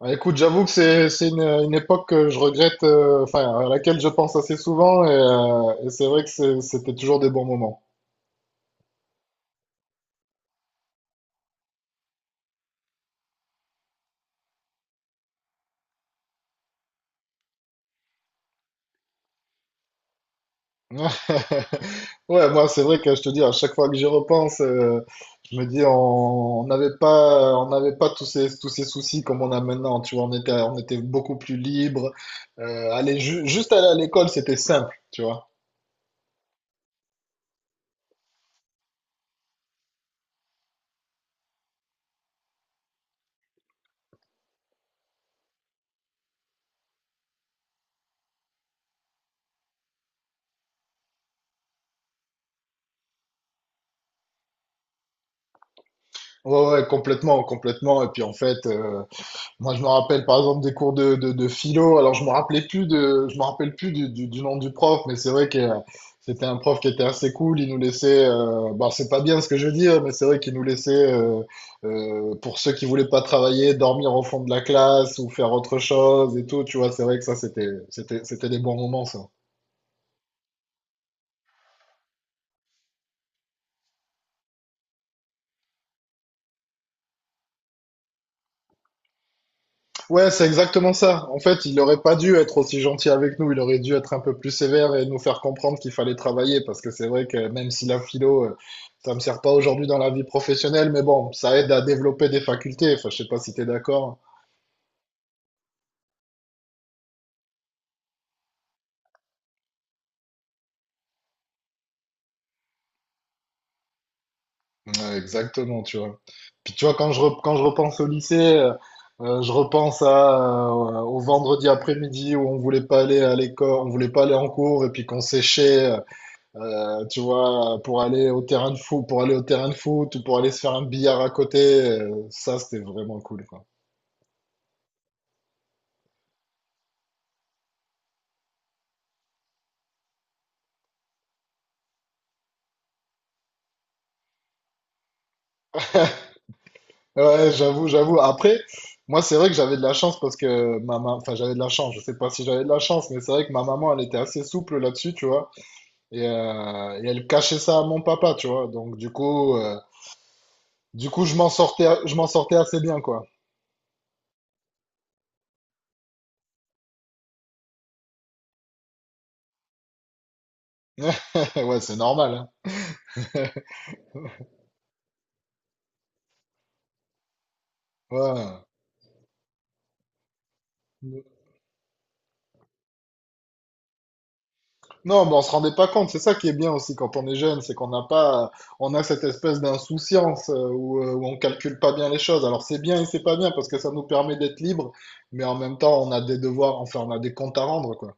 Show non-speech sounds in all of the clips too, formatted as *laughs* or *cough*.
Ah, écoute, j'avoue que c'est une époque que je regrette, enfin à laquelle je pense assez souvent, et c'est vrai que c'était toujours des bons moments. *laughs* Ouais, moi c'est vrai que je te dis à chaque fois que j'y repense, je me dis on n'avait pas, on n'avait pas tous ces soucis comme on a maintenant. Tu vois, on était beaucoup plus libre. Juste aller à l'école, c'était simple, tu vois. Ouais, ouais, complètement, complètement. Et puis en fait. Je me rappelle par exemple des cours de philo. Alors, je me rappelle plus du nom du prof, mais c'est vrai que c'était un prof qui était assez cool. Il nous laissait, bon, c'est pas bien ce que je veux dire, mais c'est vrai qu'il nous laissait, pour ceux qui voulaient pas travailler, dormir au fond de la classe ou faire autre chose et tout. Tu vois, c'est vrai que ça, c'était des bons moments, ça. Ouais, c'est exactement ça. En fait, il aurait pas dû être aussi gentil avec nous. Il aurait dû être un peu plus sévère et nous faire comprendre qu'il fallait travailler. Parce que c'est vrai que même si la philo, ça me sert pas aujourd'hui dans la vie professionnelle, mais bon, ça aide à développer des facultés. Enfin, je sais pas si t'es d'accord. Ouais, exactement, tu vois. Puis tu vois, quand je repense au lycée, je repense à, au vendredi après-midi où on voulait pas aller à l'école, on voulait pas aller en cours et puis qu'on séchait. Tu vois, pour aller au terrain de foot ou pour aller se faire un billard à côté, ça c'était vraiment cool, quoi. *laughs* Ouais, j'avoue, j'avoue. Après, moi c'est vrai que j'avais de la chance parce que ma maman, enfin j'avais de la chance, je sais pas si j'avais de la chance, mais c'est vrai que ma maman elle était assez souple là-dessus, tu vois, et elle cachait ça à mon papa, tu vois. Donc du coup, je m'en sortais assez bien, quoi. *laughs* Ouais, c'est normal, hein. *laughs* Ouais. Non, mais on se rendait pas compte. C'est ça qui est bien aussi quand on est jeune, c'est qu'on n'a pas, on a cette espèce d'insouciance où on calcule pas bien les choses. Alors c'est bien et c'est pas bien parce que ça nous permet d'être libre, mais en même temps on a des devoirs, enfin on a des comptes à rendre quoi.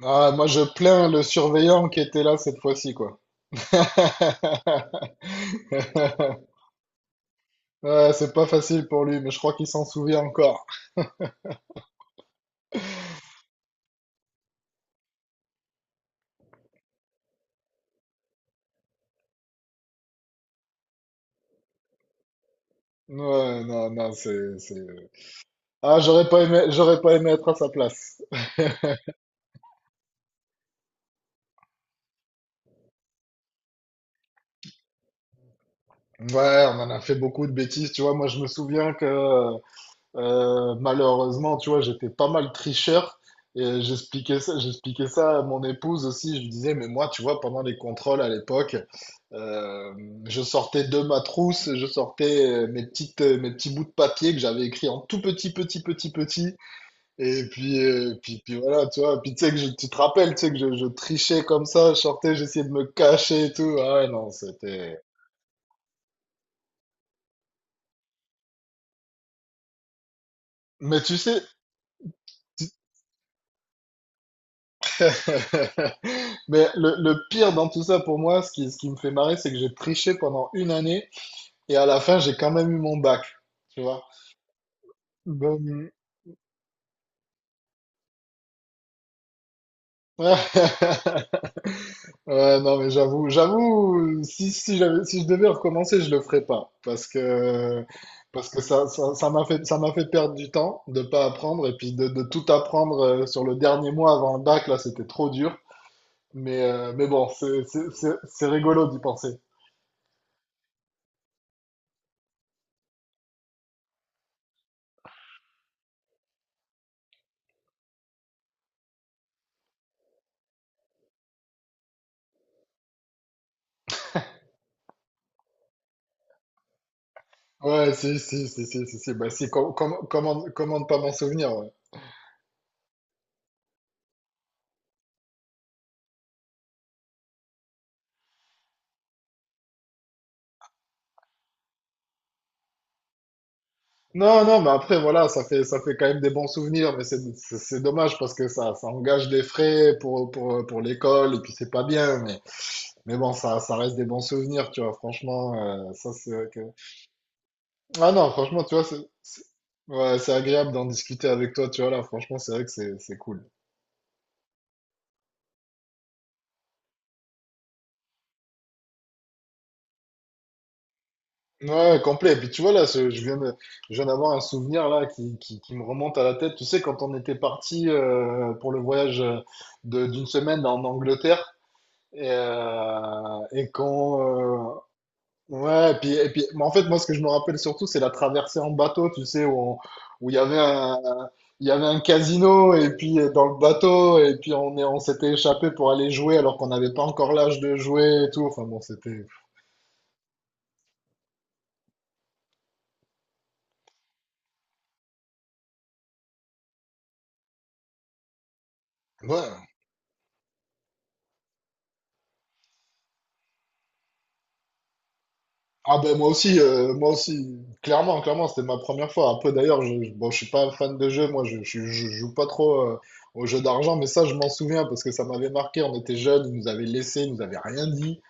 Ah, moi je plains le surveillant qui était là cette fois-ci quoi. *laughs* Ouais, c'est pas facile pour lui, mais je crois qu'il s'en souvient encore. Ouais, non, non, c'est. Ah, j'aurais pas aimé être à sa place. *laughs* Ouais, on en a fait beaucoup de bêtises, tu vois. Moi, je me souviens que malheureusement, tu vois, j'étais pas mal tricheur et j'expliquais ça à mon épouse aussi. Je lui disais, mais moi, tu vois, pendant les contrôles à l'époque, euh, je sortais de ma trousse, je sortais mes petits bouts de papier que j'avais écrits en tout petit, petit, petit, petit. Et puis, puis voilà, tu vois. Puis tu sais que tu te rappelles, tu sais que je trichais comme ça, je sortais, j'essayais de me cacher et tout. Ah ouais, non, c'était. Mais tu sais. *laughs* Mais le pire dans tout ça pour moi, ce qui me fait marrer, c'est que j'ai triché pendant une année et à la fin, j'ai quand même eu mon bac, tu vois. Donc, *laughs* ouais, non, mais j'avoue, j'avoue, si je devais recommencer, je le ferais pas parce que, parce que ça m'a fait perdre du temps de pas apprendre et puis de tout apprendre sur le dernier mois avant le bac, là, c'était trop dur. Mais bon, c'est rigolo d'y penser. Ouais, si, si, si, si, si, si. Bah, si, comment ne pas m'en souvenir, ouais. Non, non, mais après, voilà, ça fait quand même des bons souvenirs, mais c'est c'est dommage parce que ça engage des frais pour l'école, et puis c'est pas bien, mais bon, ça reste des bons souvenirs, tu vois, franchement, ça, c'est vrai que... Ah non, franchement, tu vois, c'est- ouais, c'est agréable d'en discuter avec toi, tu vois, là, franchement, c'est vrai que c'est cool. Ouais, complet. Et puis tu vois là, je viens d'avoir un souvenir là qui me remonte à la tête. Tu sais, quand on était parti pour le voyage d'une semaine en Angleterre et, ouais, mais en fait, moi, ce que je me rappelle surtout, c'est la traversée en bateau. Tu sais, où il y avait il y avait un casino et puis dans le bateau et puis on s'était échappé pour aller jouer alors qu'on n'avait pas encore l'âge de jouer et tout. Enfin bon, c'était. Ouais, ah ben moi aussi, clairement, clairement, c'était ma première fois. Après d'ailleurs, bon, je suis pas fan de jeu, moi je joue pas trop aux jeux d'argent, mais ça je m'en souviens parce que ça m'avait marqué, on était jeunes, ils nous avaient laissés, ils nous avaient rien dit.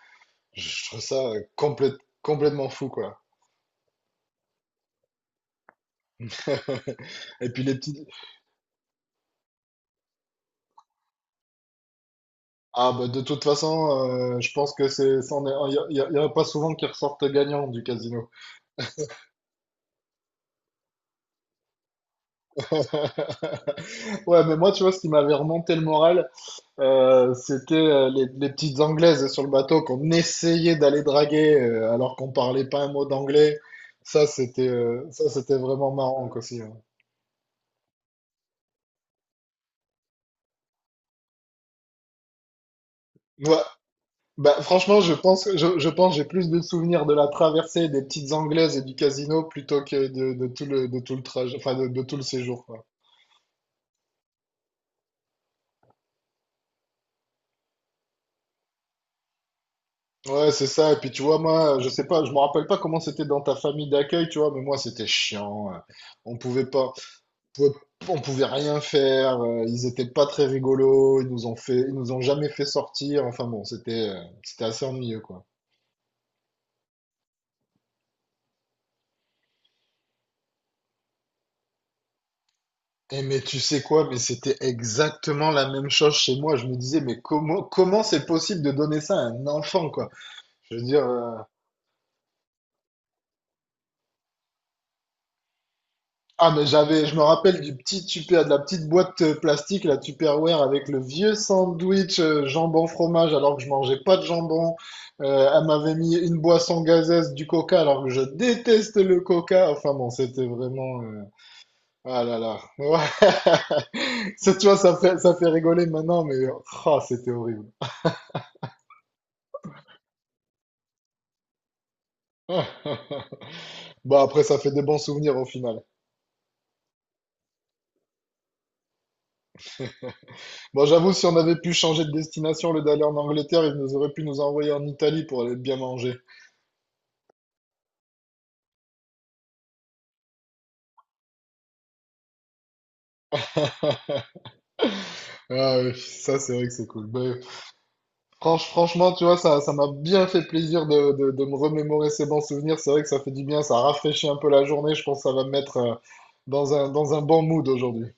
Je trouve ça complètement fou quoi. Et puis les petites... Ah ben de toute façon, je pense que c'est... ça, il n'y a, il y a pas souvent qui ressortent gagnants du casino. *laughs* Ouais, mais moi, tu vois, ce qui m'avait remonté le moral, c'était les petites anglaises sur le bateau qu'on essayait d'aller draguer alors qu'on parlait pas un mot d'anglais. Ça, c'était vraiment marrant quoi, aussi. Ouais. Ouais, bah, franchement, je pense, j'ai plus de souvenirs de la traversée des petites anglaises et du casino plutôt que de tout le trajet, enfin de tout le séjour, quoi. Ouais, c'est ça. Et puis tu vois, moi, je sais pas, je me rappelle pas comment c'était dans ta famille d'accueil, tu vois, mais moi, c'était chiant. On pouvait pas, pouvait- on pouvait rien faire, ils étaient pas très rigolos, ils nous ont jamais fait sortir, enfin bon, c'était assez ennuyeux quoi. Et mais tu sais quoi, mais c'était exactement la même chose chez moi. Je me disais, mais comment c'est possible de donner ça à un enfant quoi? Je veux dire, ah, mais j'avais, je me rappelle du petit tupper, de la petite boîte plastique, la Tupperware avec le vieux sandwich jambon fromage alors que je mangeais pas de jambon. Elle m'avait mis une boisson gazeuse du coca alors que je déteste le coca. Enfin bon, c'était vraiment, ah là là. Ouais. *laughs* Ça, tu vois, ça fait rigoler maintenant, mais, ah, c'était horrible. *laughs* Bah après, ça fait des bons souvenirs au final. Bon, j'avoue, si on avait pu changer de destination, le d'aller en Angleterre, ils nous auraient pu nous envoyer en Italie pour aller bien manger. Ah ouais, ça c'est vrai que c'est cool. Ben, franchement, tu vois, ça m'a bien fait plaisir de me remémorer ces bons souvenirs. C'est vrai que ça fait du bien, ça rafraîchit un peu la journée. Je pense que ça va me mettre dans un bon mood aujourd'hui.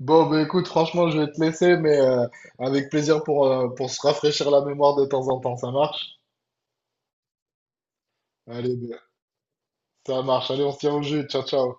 Bon, ben écoute, franchement, je vais te laisser, mais avec plaisir pour se rafraîchir la mémoire de temps en temps. Ça marche? Allez, ben, ça marche. Allez, on se tient au jus. Ciao, ciao.